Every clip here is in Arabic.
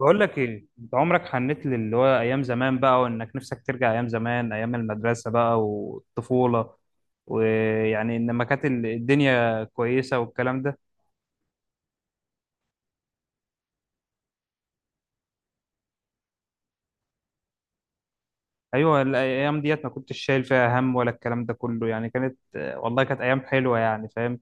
بقول لك ايه؟ انت عمرك حنيت للي هو ايام زمان بقى، وانك نفسك ترجع ايام زمان، ايام المدرسه بقى والطفوله. ويعني ان ما كانت الدنيا كويسه والكلام ده. ايوه، الايام ديت ما كنتش شايل فيها هم ولا الكلام ده كله، يعني كانت والله كانت ايام حلوه، يعني فاهم.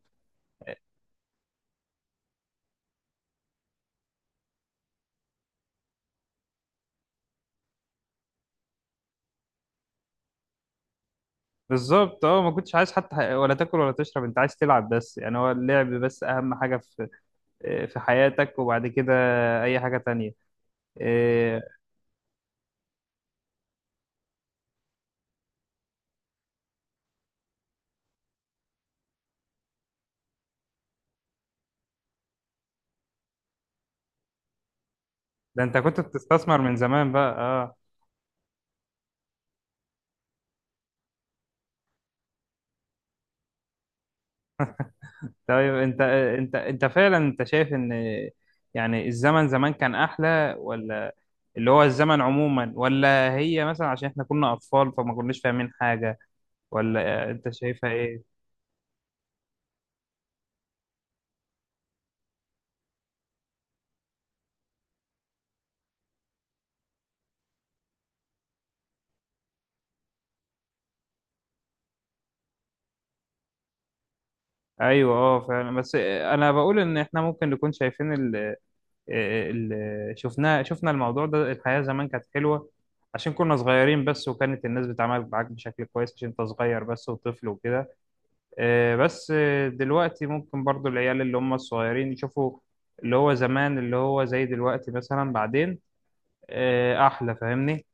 بالظبط، اه ما كنتش عايز حتى ولا تاكل ولا تشرب، انت عايز تلعب بس، يعني هو اللعب بس اهم حاجه في حياتك، وبعد كده اي حاجه تانية. إيه، ده انت كنت بتستثمر من زمان بقى، آه. طيب انت فعلا انت شايف ان يعني الزمن زمان كان احلى؟ ولا اللي هو الزمن عموما، ولا هي مثلا عشان احنا كنا اطفال فما كناش فاهمين حاجة؟ ولا انت شايفها ايه؟ ايوه، اه فعلا. بس انا بقول ان احنا ممكن نكون شايفين ال ال شفنا شفنا الموضوع ده، الحياة زمان كانت حلوة عشان كنا صغيرين بس، وكانت الناس بتتعامل معاك بشكل كويس عشان انت صغير بس وطفل وكده. بس دلوقتي ممكن برضو العيال اللي هم الصغيرين يشوفوا اللي هو زمان اللي هو زي دلوقتي مثلا، بعدين أحلى، فاهمني؟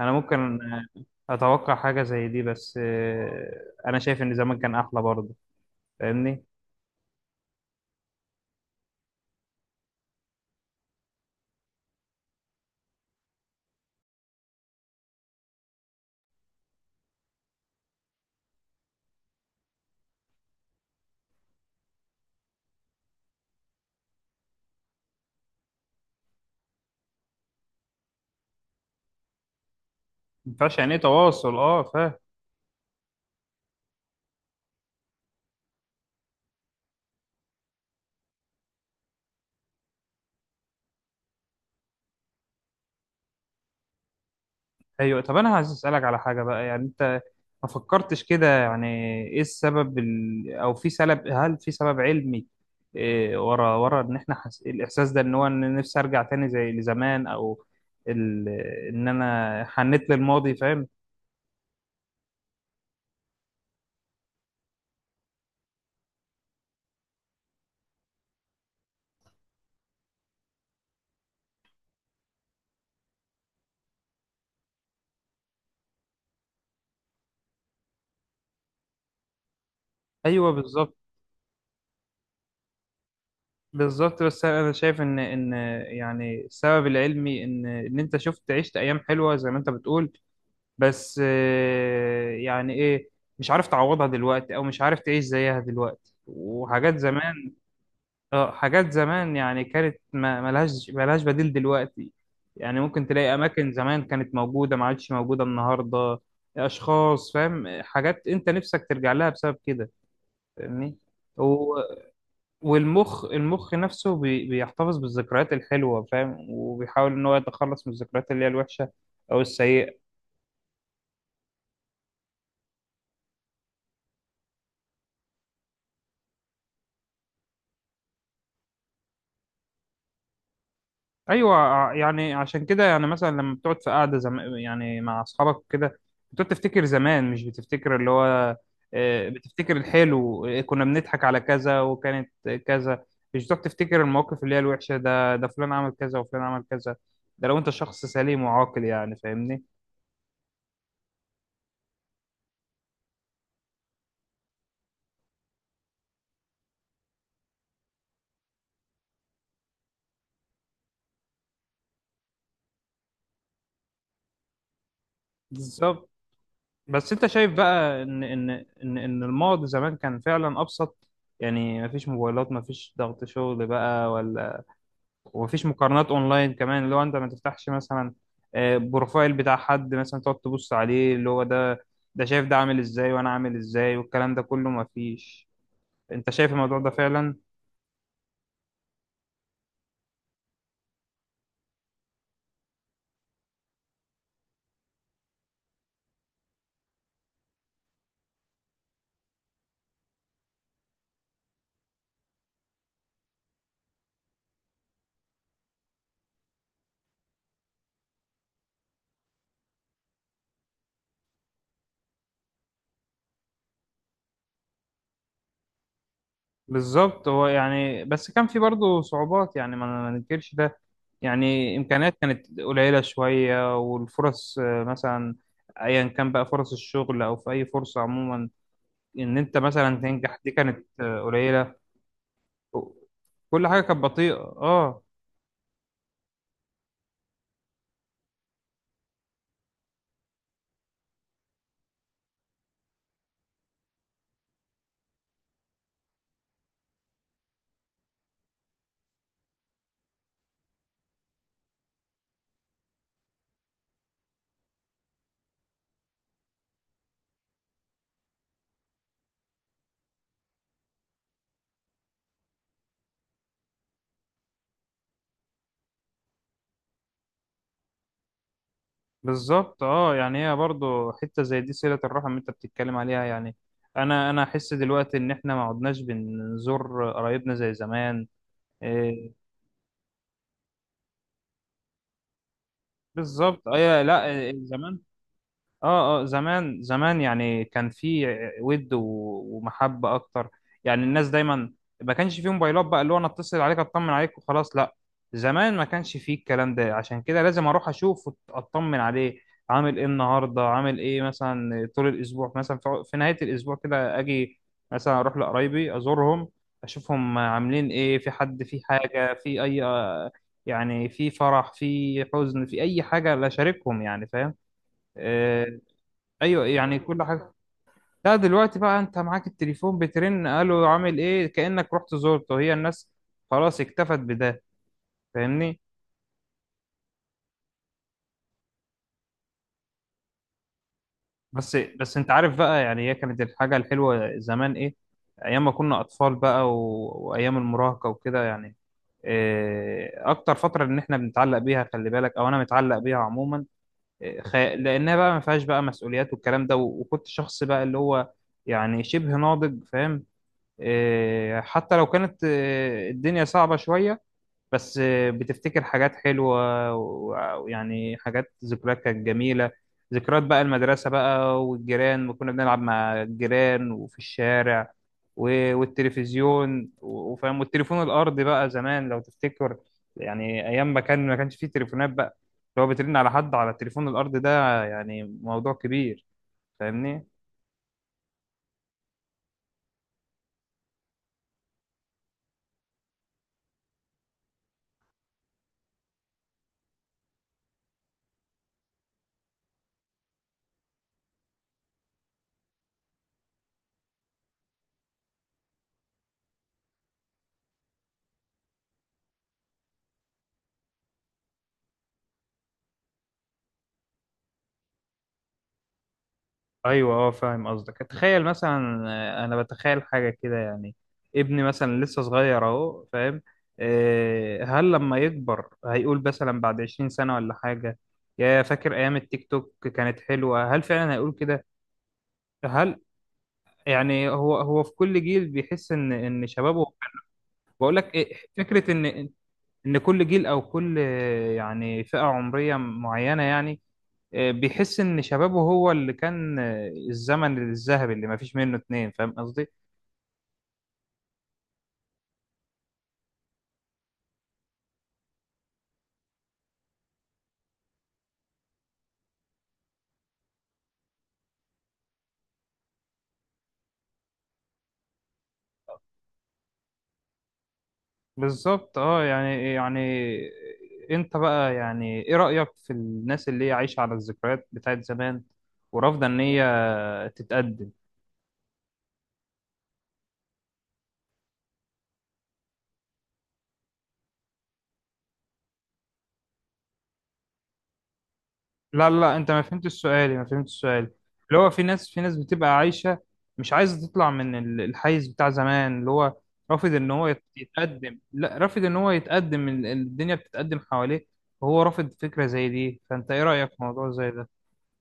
أنا ممكن أتوقع حاجة زي دي، بس أنا شايف إن زمان كان أحلى برضو، فاهمني؟ مينفعش، يعني إيه تواصل، أه فاهم. ايوه، طب انا عايز اسالك على حاجه بقى، يعني انت ما فكرتش كده يعني ايه السبب، او في سبب هل في سبب علمي إيه ورا ان احنا الاحساس ده ان هو ان نفسي ارجع تاني زي لزمان، ال... ان انا حنيت للماضي، فاهم؟ ايوه، بالظبط. بالظبط، بس انا شايف ان يعني السبب العلمي ان انت عشت ايام حلوه زي ما انت بتقول، بس يعني ايه، مش عارف تعوضها دلوقتي، او مش عارف تعيش زيها دلوقتي، وحاجات زمان. اه، حاجات زمان يعني كانت، ملهاش بديل دلوقتي. يعني ممكن تلاقي اماكن زمان كانت موجودة ما عادش موجودة النهاردة، اشخاص، فاهم، حاجات انت نفسك ترجع لها بسبب كده، فاهمني؟ و... والمخ، المخ نفسه بيحتفظ بالذكريات الحلوة، فاهم؟ وبيحاول ان هو يتخلص من الذكريات اللي هي الوحشة او السيئة. ايوه، يعني عشان كده يعني مثلا لما بتقعد في قعده يعني مع اصحابك كده، بتقعد تفتكر زمان، مش بتفتكر اللي هو بتفتكر الحلو، كنا بنضحك على كذا وكانت كذا، مش بتقعد تفتكر المواقف اللي هي الوحشه، ده فلان عمل كذا وفلان عمل كذا. ده لو انت شخص سليم وعاقل، يعني فاهمني. بالظبط، بس انت شايف بقى ان الماضي زمان كان فعلا ابسط، يعني مفيش موبايلات، مفيش ضغط شغل بقى ولا، ومفيش مقارنات اونلاين كمان، اللي هو انت ما تفتحش مثلا بروفايل بتاع حد مثلا، تقعد تبص عليه اللي هو ده شايف ده عامل ازاي وانا عامل ازاي، والكلام ده كله مفيش. انت شايف الموضوع ده فعلا؟ بالظبط. هو يعني بس كان في برضه صعوبات، يعني ما ننكرش ده، يعني امكانيات كانت قليلة شوية، والفرص مثلا ايا كان بقى، فرص الشغل او في اي فرصة عموما، ان انت مثلا تنجح دي كانت قليلة. كل حاجة كانت بطيئة، اه. بالظبط، اه يعني هي برضو حتة زي دي، صلة الرحم اللي انت بتتكلم عليها، يعني انا احس دلوقتي ان احنا ما عدناش بنزور قرايبنا زي زمان. إيه، بالظبط. اي، لا. إيه، زمان، اه اه، زمان زمان يعني كان في ود ومحبة اكتر، يعني الناس دايما، ما كانش في موبايلات بقى، اللي هو انا اتصل عليك اطمن عليك وخلاص، لا. زمان ما كانش فيه الكلام ده، عشان كده لازم اروح اشوف واطمن عليه، عامل ايه النهارده، عامل ايه مثلا طول الاسبوع، مثلا في نهاية الاسبوع كده اجي مثلا اروح لقرايبي ازورهم، اشوفهم عاملين ايه، في حد، في حاجة، في اي، يعني في فرح، في حزن، في اي حاجة، لا اشاركهم، يعني فاهم. آه، ايوه، يعني كل حاجه. لا، دلوقتي بقى انت معاك التليفون، بترن الو عامل ايه، كانك رحت زرته، هي الناس خلاص اكتفت بده، فاهمني؟ بس انت عارف بقى يعني هي كانت الحاجه الحلوه زمان ايه؟ ايام ما كنا اطفال بقى، وايام المراهقه وكده، يعني إيه اكتر فتره ان احنا بنتعلق بيها، خلي بالك، او انا متعلق بيها عموما، إيه، لانها بقى ما فيهاش بقى مسؤوليات والكلام ده، وكنت شخص بقى اللي هو يعني شبه ناضج، فاهم؟ إيه، حتى لو كانت إيه، الدنيا صعبة شوية، بس إيه، بتفتكر حاجات حلوة ويعني حاجات، ذكريات كانت جميلة، ذكريات بقى المدرسة بقى، والجيران، كنا بنلعب مع الجيران وفي الشارع والتلفزيون وفاهم، والتليفون الأرضي بقى زمان لو تفتكر، يعني أيام ما كانش فيه تليفونات بقى، لو بترن على حد على التليفون الأرضي ده، يعني موضوع كبير، فاهمني؟ ايوه، اه فاهم قصدك. تخيل مثلا، انا بتخيل حاجه كده يعني، ابني مثلا لسه صغير اهو، فاهم، هل لما يكبر هيقول مثلا بعد 20 سنه ولا حاجه، يا فاكر ايام التيك توك كانت حلوه؟ هل فعلا هيقول كده؟ هل يعني هو في كل جيل بيحس ان ان شبابه، بقول لك إيه، فكره ان ان كل جيل، او كل يعني فئه عمريه معينه يعني، بيحس ان شبابه هو اللي كان الزمن الذهبي اللي ما فيش منه اتنين، فاهم قصدي؟ بالظبط، اه يعني انت بقى يعني ايه رأيك في الناس اللي هي عايشة على الذكريات بتاعت زمان، ورافضة ان هي تتقدم؟ لا لا لا، انت ما فهمتش سؤالي، ما فهمتش سؤالي، اللي هو في ناس، في ناس بتبقى عايشة مش عايزة تطلع من الحيز بتاع زمان، اللي هو رافض ان هو يتقدم، لا، رافض ان هو يتقدم، الدنيا بتتقدم حواليه وهو رافض فكرة زي دي، فانت ايه رأيك في موضوع زي ده؟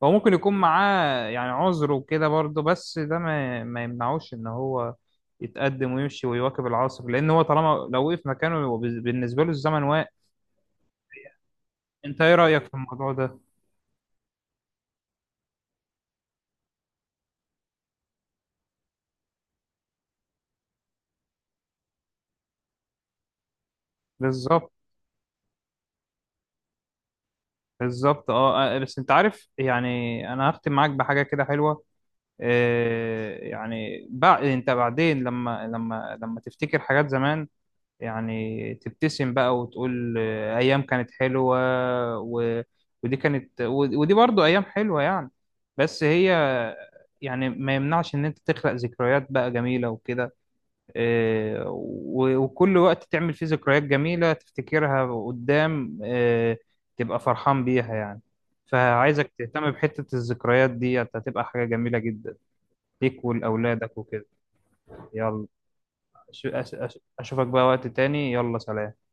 هو ممكن يكون معاه يعني عذر وكده برضه، بس ده ما يمنعوش ان هو يتقدم ويمشي ويواكب العصر، لان هو طالما لو وقف مكانه هو بالنسبة له الزمن واقف. انت ايه رأيك في الموضوع ده؟ بالظبط، بالظبط، اه بس انت عارف يعني، انا هختم معاك بحاجه كده حلوه، يعني انت بعدين لما تفتكر حاجات زمان، يعني تبتسم بقى وتقول ايام كانت حلوه، و... ودي برضو ايام حلوه، يعني بس هي يعني ما يمنعش ان انت تخلق ذكريات بقى جميله وكده، وكل وقت تعمل فيه ذكريات جميلة تفتكرها قدام، تبقى فرحان بيها، يعني فعايزك تهتم بحتة الذكريات دي، هتبقى حاجة جميلة جدا ليك ولأولادك وكده. يلا، أشوفك بقى وقت تاني، يلا سلام.